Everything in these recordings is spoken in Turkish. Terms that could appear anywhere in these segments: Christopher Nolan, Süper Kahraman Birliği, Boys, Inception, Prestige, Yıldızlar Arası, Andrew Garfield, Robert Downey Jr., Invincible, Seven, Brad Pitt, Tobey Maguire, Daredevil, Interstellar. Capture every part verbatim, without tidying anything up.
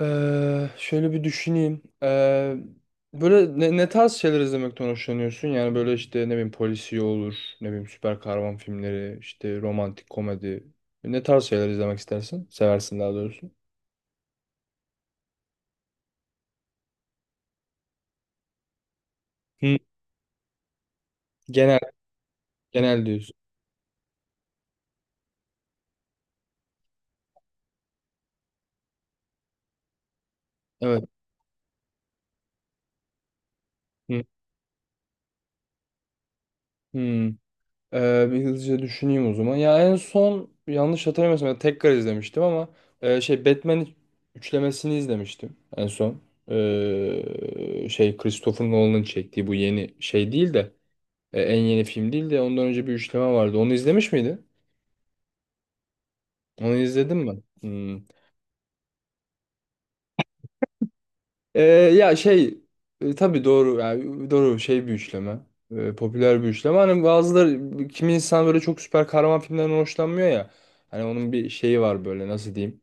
Eee, şöyle bir düşüneyim. Eee, böyle ne, ne tarz şeyler izlemekten hoşlanıyorsun? Yani böyle işte ne bileyim polisiye olur, ne bileyim süper kahraman filmleri, işte romantik komedi. Ne tarz şeyler izlemek istersin? Seversin daha doğrusu. Hı. Genel, genel diyorsun. Evet. Hı. Hı. Ee, bir hızlıca düşüneyim o zaman. Ya en son yanlış hatırlamıyorsam ya tekrar izlemiştim ama e, şey Batman üçlemesini izlemiştim en son. Ee, şey Christopher Nolan'ın çektiği bu yeni şey değil de e, en yeni film değil de ondan önce bir üçleme vardı. Onu izlemiş miydin? Onu izledim mi? Hmm. Ee, ya şey, e, tabii doğru, yani doğru şey, bir üçleme. Ee, popüler bir üçleme. Hani bazıları, kimi insan böyle çok süper kahraman filmlerinden hoşlanmıyor ya. Hani onun bir şeyi var, böyle nasıl diyeyim?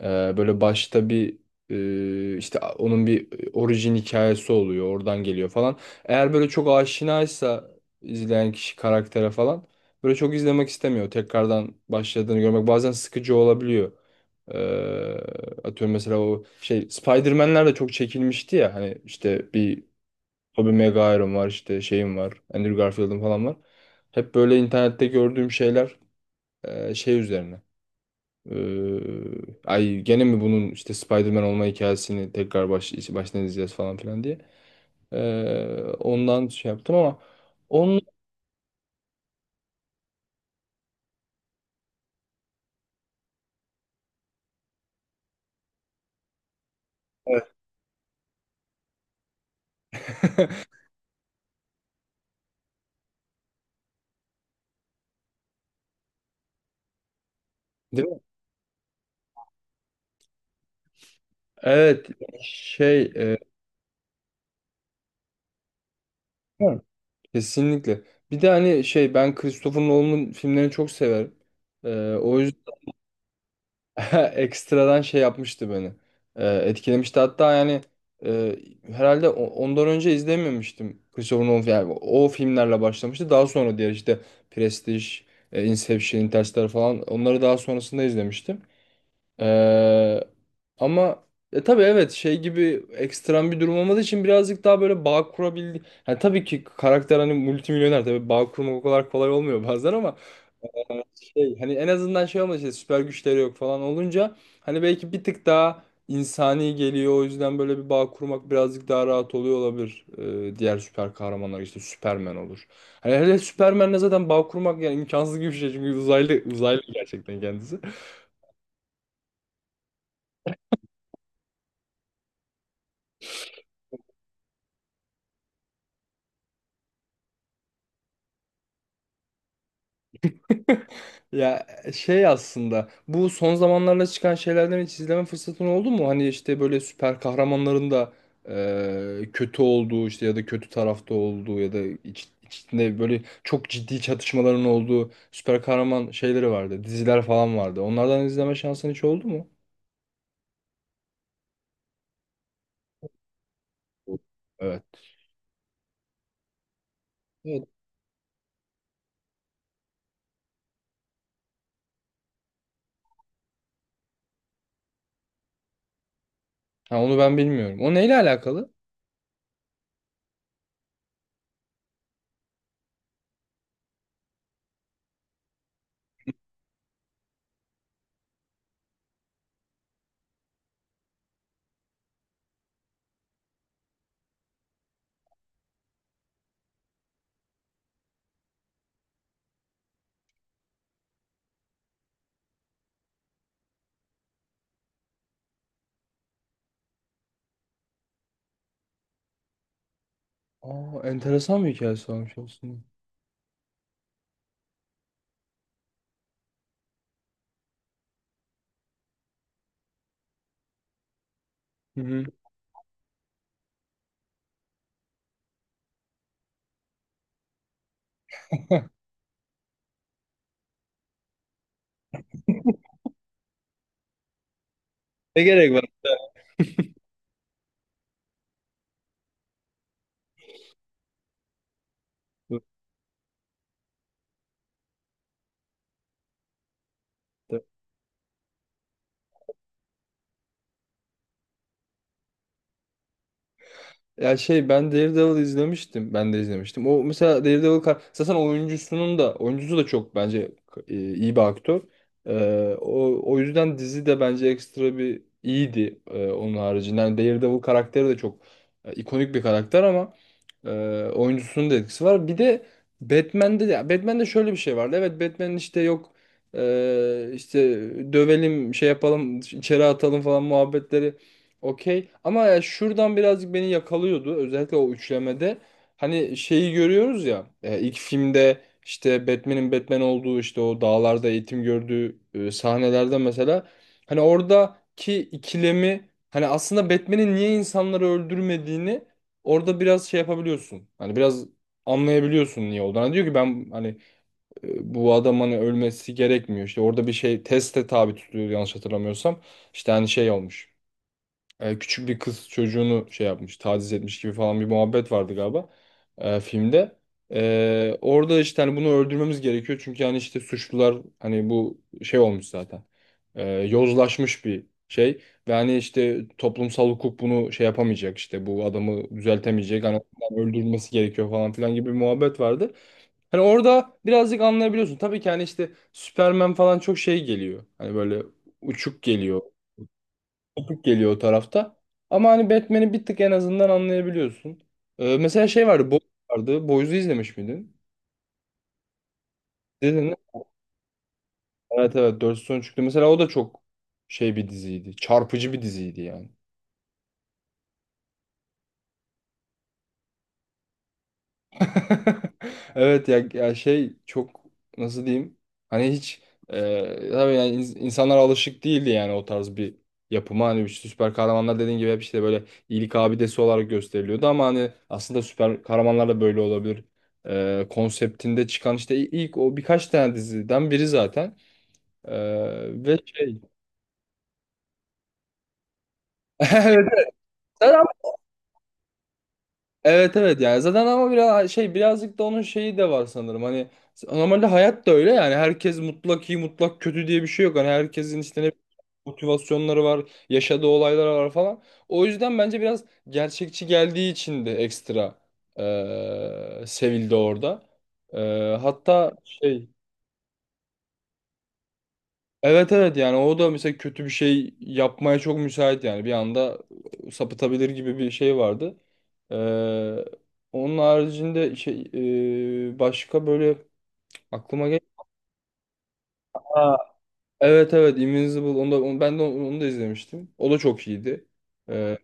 Ee, böyle başta bir e, işte onun bir orijin hikayesi oluyor. Oradan geliyor falan. Eğer böyle çok aşinaysa izleyen kişi karaktere falan, böyle çok izlemek istemiyor. Tekrardan başladığını görmek bazen sıkıcı olabiliyor. Ee, atıyorum mesela, o şey Spider-Man'ler de çok çekilmişti ya, hani işte bir Tobey Maguire'ım var, işte şeyim var, Andrew Garfield'ım falan var. Hep böyle internette gördüğüm şeyler e, şey üzerine. Ee, ay gene mi bunun işte Spider-Man olma hikayesini tekrar baş, baştan izleyeceğiz falan filan diye. Ee, ondan şey yaptım ama onun. Evet. Değil mi? Evet, şey, e, hı, kesinlikle. Bir de hani şey, ben Christopher Nolan'ın filmlerini çok severim. Ee, o yüzden ekstradan şey yapmıştı beni. Ee, etkilemişti. Hatta yani e, herhalde o- ondan önce izlememiştim. Christopher Nolan yani o filmlerle başlamıştı. Daha sonra diğer işte Prestige, e, Inception, Interstellar falan, onları daha sonrasında izlemiştim. Ee, ama e, tabii evet, şey gibi ekstrem bir durum olmadığı için birazcık daha böyle bağ kurabildi. Yani tabii ki karakter hani multimilyoner, tabii bağ kurmak o kadar kolay olmuyor bazen ama ee, şey, hani en azından şey olmadı, işte süper güçleri yok falan olunca hani belki bir tık daha insani geliyor, o yüzden böyle bir bağ kurmak birazcık daha rahat oluyor olabilir. E, diğer süper kahramanlar, işte Superman olur. Hani hele Superman'le zaten bağ kurmak yani imkansız gibi bir şey, çünkü uzaylı uzaylı gerçekten kendisi. Ya e, şey, aslında bu son zamanlarda çıkan şeylerden hiç izleme fırsatın oldu mu? Hani işte böyle süper kahramanların da e, kötü olduğu, işte ya da kötü tarafta olduğu ya da iç- içinde böyle çok ciddi çatışmaların olduğu süper kahraman şeyleri vardı. Diziler falan vardı. Onlardan izleme şansın hiç oldu mu? Yok. Evet. Evet. Ha, onu ben bilmiyorum. O neyle alakalı? Aa, enteresan bir hikayesi varmış aslında. Hı hı. Ne gerek var? Evet. Ya şey, ben Daredevil izlemiştim. Ben de izlemiştim. O mesela Daredevil kar- zaten oyuncusunun da, oyuncusu da çok bence e, iyi bir aktör. Ee, o, o yüzden dizi de bence ekstra bir iyiydi, e, onun haricinde. Yani Daredevil karakteri de çok e, ikonik bir karakter, ama ee, oyuncusunun da etkisi var. Bir de Batman'de de Batman'de şöyle bir şey vardı. Evet, Batman'in işte yok, e, işte dövelim şey yapalım içeri atalım falan muhabbetleri, okey. Ama ya, şuradan birazcık beni yakalıyordu. Özellikle o üçlemede. Hani şeyi görüyoruz ya, e, ilk filmde işte Batman'in Batman olduğu, işte o dağlarda eğitim gördüğü e, sahnelerde mesela hani oradaki ikilemi, hani aslında Batman'in niye insanları öldürmediğini. Orada biraz şey yapabiliyorsun. Hani biraz anlayabiliyorsun niye olduğunu. Hani diyor ki ben hani e, bu adamın hani ölmesi gerekmiyor. İşte orada bir şey teste tabi tutuyor yanlış hatırlamıyorsam. İşte hani şey olmuş, e, küçük bir kız çocuğunu şey yapmış, taciz etmiş gibi falan bir muhabbet vardı galiba, e, filmde. E, orada işte hani bunu öldürmemiz gerekiyor çünkü hani işte suçlular, hani bu şey olmuş zaten. E, yozlaşmış bir şey ve hani işte toplumsal hukuk bunu şey yapamayacak, işte bu adamı düzeltemeyecek, hani ondan öldürülmesi gerekiyor falan filan gibi bir muhabbet vardı. Hani orada birazcık anlayabiliyorsun. Tabii ki hani işte Superman falan çok şey geliyor. Hani böyle uçuk geliyor, kopuk geliyor o tarafta. Ama hani Batman'i bir tık en azından anlayabiliyorsun. Ee, mesela şey vardı, Boys vardı. Boys'u izlemiş miydin? Dedin mi? Evet, evet, dört sezon çıktı. Mesela o da çok şey bir diziydi. Çarpıcı bir diziydi yani. Evet ya, ya şey, çok nasıl diyeyim, hani hiç e, tabii yani ins- insanlar alışık değildi yani o tarz bir yapıma, hani bir süper kahramanlar dediğin gibi hep işte böyle iyilik abidesi olarak gösteriliyordu, ama hani aslında süper kahramanlar da böyle olabilir. E, konseptinde çıkan işte i- ilk o birkaç tane diziden biri zaten. E, ve şey evet, evet. Evet evet yani zaten, ama biraz şey, birazcık da onun şeyi de var sanırım, hani normalde hayat da öyle, yani herkes mutlak iyi, mutlak kötü diye bir şey yok, hani herkesin işte ne motivasyonları var, yaşadığı olaylar var falan, o yüzden bence biraz gerçekçi geldiği için de ekstra eee, sevildi orada. Eee, hatta şey, evet evet yani o da mesela kötü bir şey yapmaya çok müsait, yani bir anda sapıtabilir gibi bir şey vardı. Ee, onun haricinde şey, e, başka böyle aklıma gel. Aa, evet evet Invincible, onu da, onu- ben de onu, onu, da izlemiştim. O da çok iyiydi. Ee,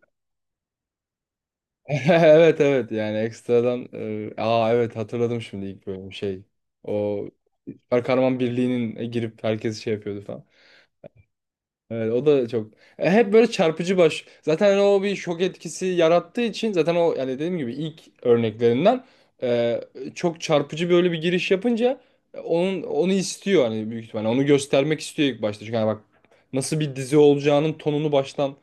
evet evet yani ekstradan e, aa evet, hatırladım şimdi ilk bölüm şey. O Süper Kahraman Birliği'nin e, girip herkes şey yapıyordu. Evet o da çok. E, hep böyle çarpıcı baş. Zaten hani o bir şok etkisi yarattığı için zaten o, yani dediğim gibi ilk örneklerinden e, çok çarpıcı böyle bir giriş yapınca e, onun onu istiyor, hani büyük ihtimalle onu göstermek istiyor ilk başta. Çünkü hani bak, nasıl bir dizi olacağının tonunu baştan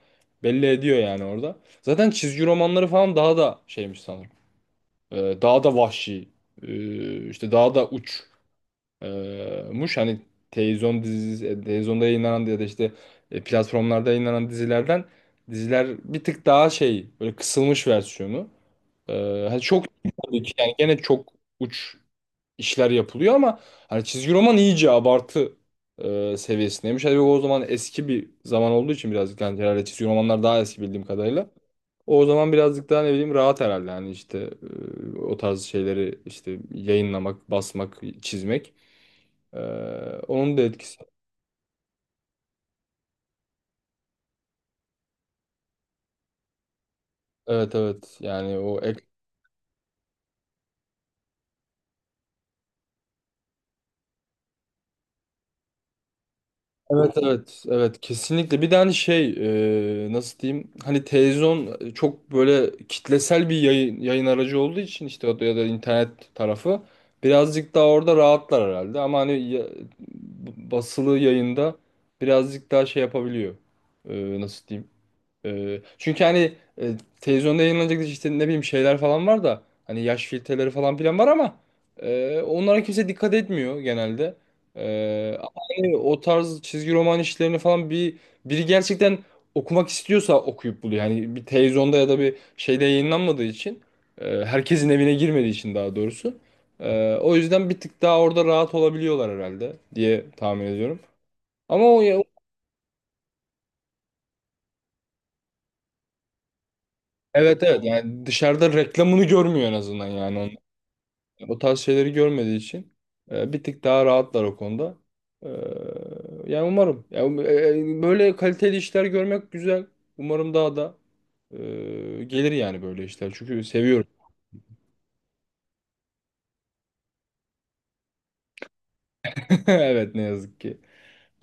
belli ediyor yani orada. Zaten çizgi romanları falan daha da şeymiş sanırım. E, daha da vahşi. E, işte daha da uç e, muş, hani televizyon dizisi, e, televizyonda yayınlanan ya da işte e, platformlarda yayınlanan dizilerden diziler bir tık daha şey, böyle kısılmış versiyonu. E, hani çok, tabii ki yani gene çok uç işler yapılıyor, ama hani çizgi roman iyice abartı e, seviyesindeymiş. Hani o zaman eski bir zaman olduğu için birazcık, yani herhalde çizgi romanlar daha eski bildiğim kadarıyla. O zaman birazcık daha ne bileyim rahat herhalde. Yani işte e, o tarz şeyleri işte yayınlamak, basmak, çizmek. Ee, onun da etkisi. Evet evet yani o ek- Evet evet evet, kesinlikle bir tane şey, e, nasıl diyeyim, hani televizyon çok böyle kitlesel bir yayın, yayın aracı olduğu için işte o da- ya da internet tarafı birazcık daha orada rahatlar herhalde, ama hani ya- basılı yayında birazcık daha şey yapabiliyor. E, nasıl diyeyim. Ee, çünkü hani e, televizyonda yayınlanacak işte ne bileyim şeyler falan var da, hani yaş filtreleri falan filan var ama e, onlara kimse dikkat etmiyor genelde. Ee, ama hani o tarz çizgi roman işlerini falan bir, biri gerçekten okumak istiyorsa okuyup buluyor. Yani bir televizyonda ya da bir şeyde yayınlanmadığı için e, herkesin evine girmediği için daha doğrusu. E, o yüzden bir tık daha orada rahat olabiliyorlar herhalde diye tahmin ediyorum. Ama o, ya- Evet evet yani dışarıda reklamını görmüyor en azından yani. O tarz şeyleri görmediği için e, bir tık daha rahatlar o konuda. E, yani umarım. Ya, um- e, böyle kaliteli işler görmek güzel. Umarım daha da e, gelir yani böyle işler. Çünkü seviyorum. Evet ne yazık ki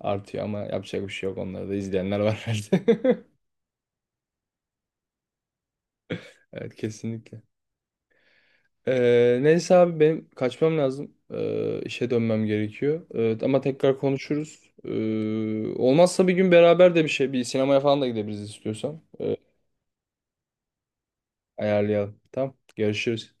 artıyor, ama yapacak bir şey yok. Onları da izleyenler var herhalde. Evet kesinlikle. E, neyse abi, benim kaçmam lazım. E, işe dönmem gerekiyor. E, ama tekrar konuşuruz. E, olmazsa bir gün beraber de bir şey, bir sinemaya falan da gidebiliriz istiyorsan. E, Ayarlayalım. Tamam. Görüşürüz.